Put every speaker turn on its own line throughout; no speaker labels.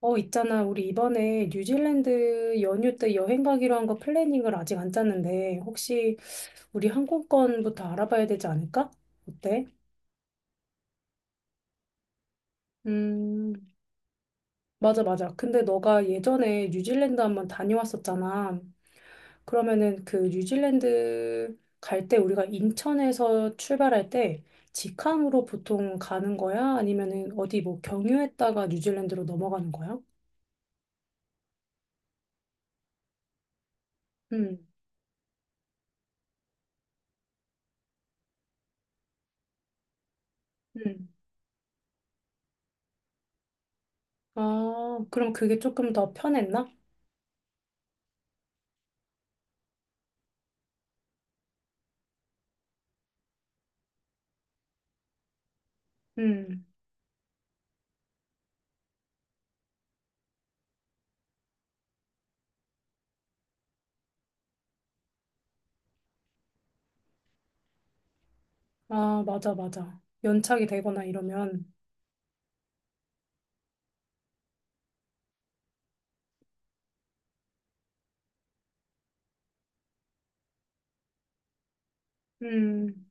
있잖아. 우리 이번에 뉴질랜드 연휴 때 여행 가기로 한 거 플래닝을 아직 안 짰는데, 혹시 우리 항공권부터 알아봐야 되지 않을까? 어때? 음, 맞아, 맞아. 근데 너가 예전에 뉴질랜드 한번 다녀왔었잖아. 그러면은 그 뉴질랜드 갈 때 우리가 인천에서 출발할 때 직항으로 보통 가는 거야? 아니면은 어디 뭐 경유했다가 뉴질랜드로 넘어가는 거야? 음, 음. 아, 그럼 그게 조금 더 편했나? 음. 아, 맞아, 맞아. 연착이 되거나 이러면. 음,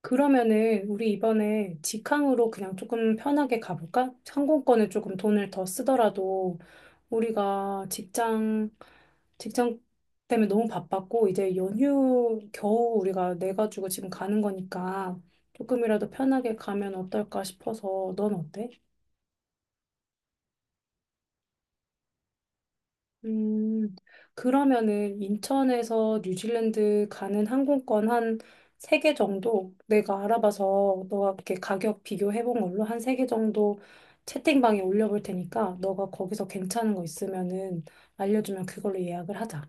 그러면은 우리 이번에 직항으로 그냥 조금 편하게 가볼까? 항공권에 조금 돈을 더 쓰더라도 우리가 직장 때문에 너무 바빴고 이제 연휴 겨우 우리가 내가지고 지금 가는 거니까 조금이라도 편하게 가면 어떨까 싶어서 넌 어때? 음, 그러면은 인천에서 뉴질랜드 가는 항공권 한 3개 정도 내가 알아봐서 너가 이렇게 가격 비교해 본 걸로 한 3개 정도 채팅방에 올려볼 테니까 너가 거기서 괜찮은 거 있으면은 알려주면 그걸로 예약을 하자.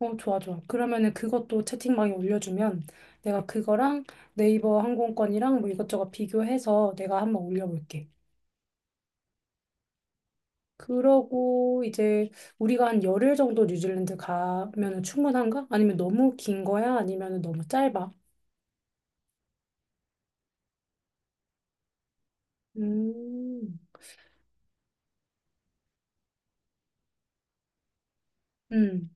좋아, 좋아. 그러면은 그것도 채팅방에 올려주면 내가 그거랑 네이버 항공권이랑 뭐 이것저것 비교해서 내가 한번 올려볼게. 그러고 이제 우리가 한 열흘 정도 뉴질랜드 가면은 충분한가? 아니면 너무 긴 거야? 아니면 너무 짧아? 음. 음.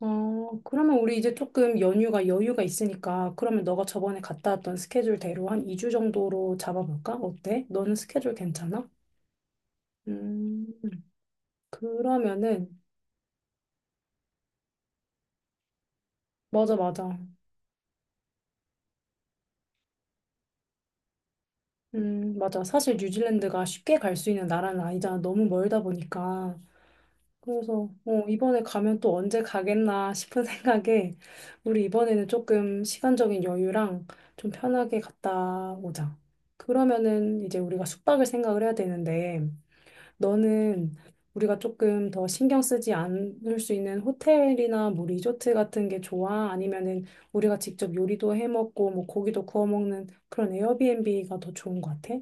그러면 우리 이제 조금 연휴가 여유가 있으니까 그러면 너가 저번에 갔다 왔던 스케줄대로 한 2주 정도로 잡아볼까? 어때? 너는 스케줄 괜찮아? 음. 그러면은 맞아 맞아. 맞아. 사실 뉴질랜드가 쉽게 갈 수 있는 나라는 아니잖아. 너무 멀다 보니까. 그래서 이번에 가면 또 언제 가겠나 싶은 생각에 우리 이번에는 조금 시간적인 여유랑 좀 편하게 갔다 오자. 그러면은 이제 우리가 숙박을 생각을 해야 되는데 너는 우리가 조금 더 신경 쓰지 않을 수 있는 호텔이나 뭐 리조트 같은 게 좋아? 아니면은 우리가 직접 요리도 해 먹고 뭐 고기도 구워 먹는 그런 에어비앤비가 더 좋은 것 같아?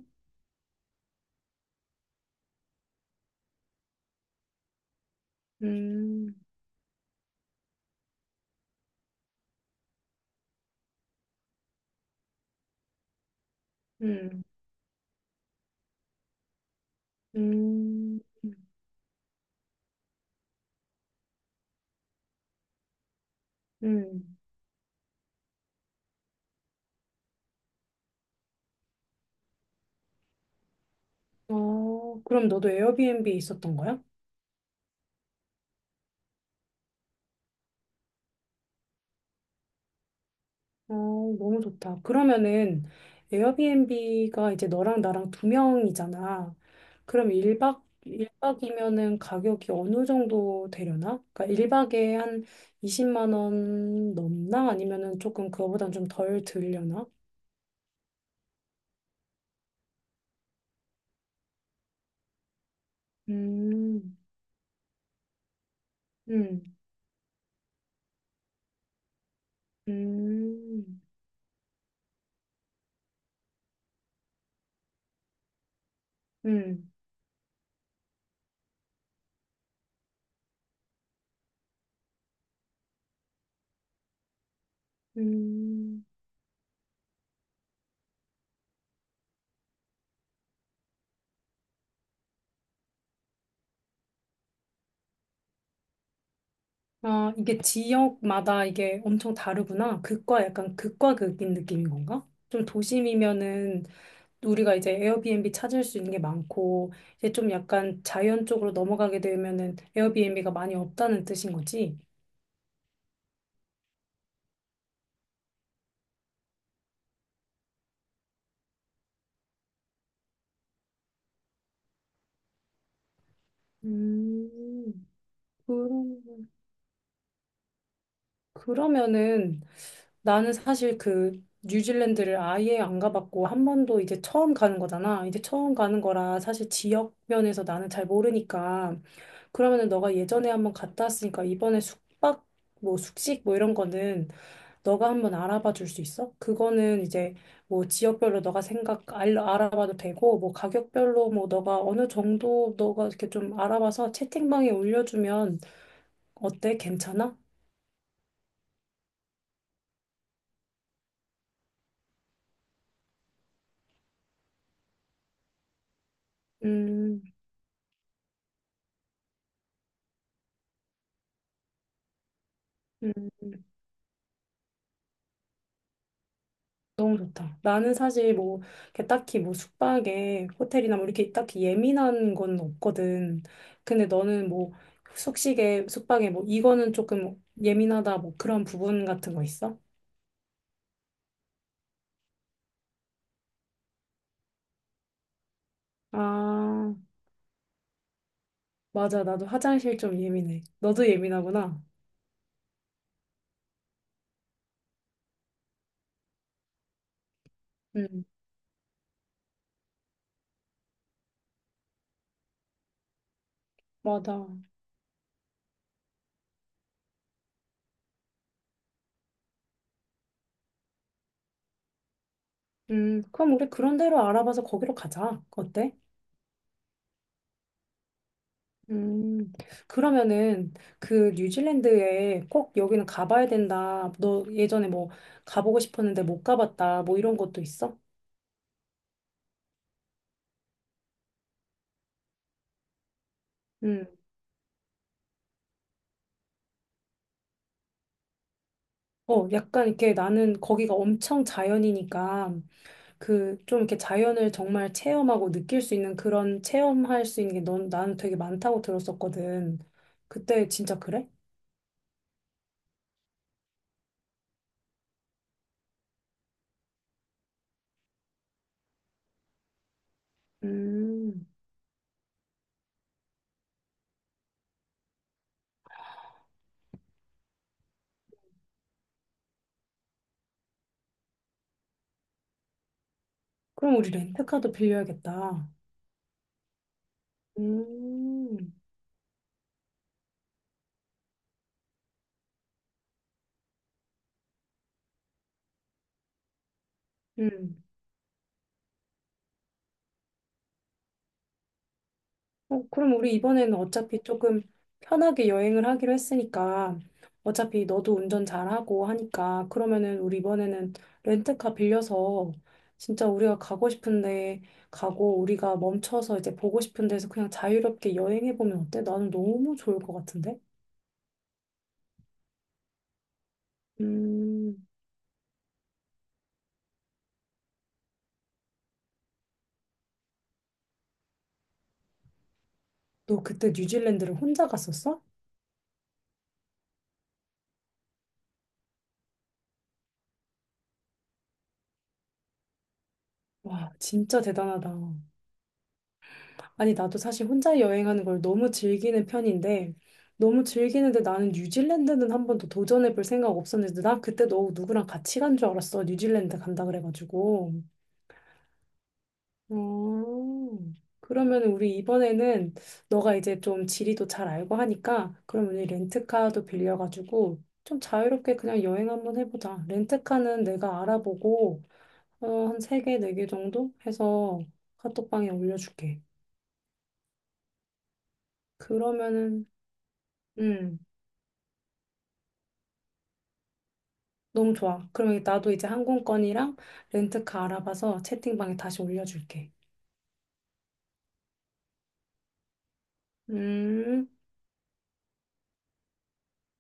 음, 음, 음, 음. 그럼 너도 에어비앤비에 있었던 거야? 어, 너무 좋다. 그러면은 에어비앤비가 이제 너랑 나랑 두 명이잖아. 그럼 1박, 일박이면은 가격이 어느 정도 되려나? 그러니까 1박에 한 20만 원 넘나? 아니면은 조금 그거보단 좀 덜 들려나? 음, 음, 음, 음, 음. 아, 이게 지역마다 이게 엄청 다르구나. 극과 약간 극과 극인 느낌인 건가? 좀 도심이면은 우리가 이제 에어비앤비 찾을 수 있는 게 많고, 이제 좀 약간 자연 쪽으로 넘어가게 되면은 에어비앤비가 많이 없다는 뜻인 거지. 음, 그런. 그러면은 나는 사실 그 뉴질랜드를 아예 안 가봤고 한 번도 이제 처음 가는 거잖아. 이제 처음 가는 거라 사실 지역 면에서 나는 잘 모르니까 그러면은 너가 예전에 한번 갔다 왔으니까 이번에 숙박 뭐 숙식 뭐 이런 거는 너가 한번 알아봐 줄 수 있어? 그거는 이제 뭐 지역별로 너가 생각 알아봐도 되고 뭐 가격별로 뭐 너가 어느 정도 너가 이렇게 좀 알아봐서 채팅방에 올려주면 어때? 괜찮아? 음. 음. 너무 좋다. 나는 사실 뭐, 이렇게 딱히 뭐 숙박에 호텔이나 뭐 이렇게 딱히 예민한 건 없거든. 근데 너는 뭐 숙식에, 숙박에 뭐 이거는 조금 예민하다 뭐 그런 부분 같은 거 있어? 아, 맞아. 나도 화장실 좀 예민해. 너도 예민하구나. 응, 맞아. 그럼 우리 그런 대로 알아봐서 거기로 가자. 어때? 음, 그러면은 그 뉴질랜드에 꼭 여기는 가봐야 된다. 너 예전에 뭐 가보고 싶었는데 못 가봤다. 뭐 이런 것도 있어? 음, 약간 이렇게 나는 거기가 엄청 자연이니까 그 좀 이렇게 자연을 정말 체험하고 느낄 수 있는 그런 체험할 수 있는 게 넌, 나는 되게 많다고 들었었거든. 그때 진짜 그래? 음, 그럼 우리 렌트카도 빌려야겠다. 음, 음. 그럼 우리 이번에는 어차피 조금 편하게 여행을 하기로 했으니까 어차피 너도 운전 잘하고 하니까 그러면은 우리 이번에는 렌트카 빌려서 진짜 우리가 가고 싶은데 가고 우리가 멈춰서 이제 보고 싶은 데서 그냥 자유롭게 여행해 보면 어때? 나는 너무 좋을 것 같은데? 음, 너 그때 뉴질랜드를 혼자 갔었어? 와, 진짜 대단하다. 아니, 나도 사실 혼자 여행하는 걸 너무 즐기는 편인데, 너무 즐기는데 나는 뉴질랜드는 한 번도 도전해볼 생각 없었는데, 난 그때 너 누구랑 같이 간 줄 알았어. 뉴질랜드 간다 그래가지고. 어, 그러면 우리 이번에는 너가 이제 좀 지리도 잘 알고 하니까, 그럼 우리 렌트카도 빌려가지고, 좀 자유롭게 그냥 여행 한번 해보자. 렌트카는 내가 알아보고, 한 세개네 개네개 정도 해서 카톡방에 올려줄게. 그러면은, 음. 너무 좋아. 그러면 나도 이제 항공권이랑 렌트카 알아봐서 채팅방에 다시 올려줄게. 음.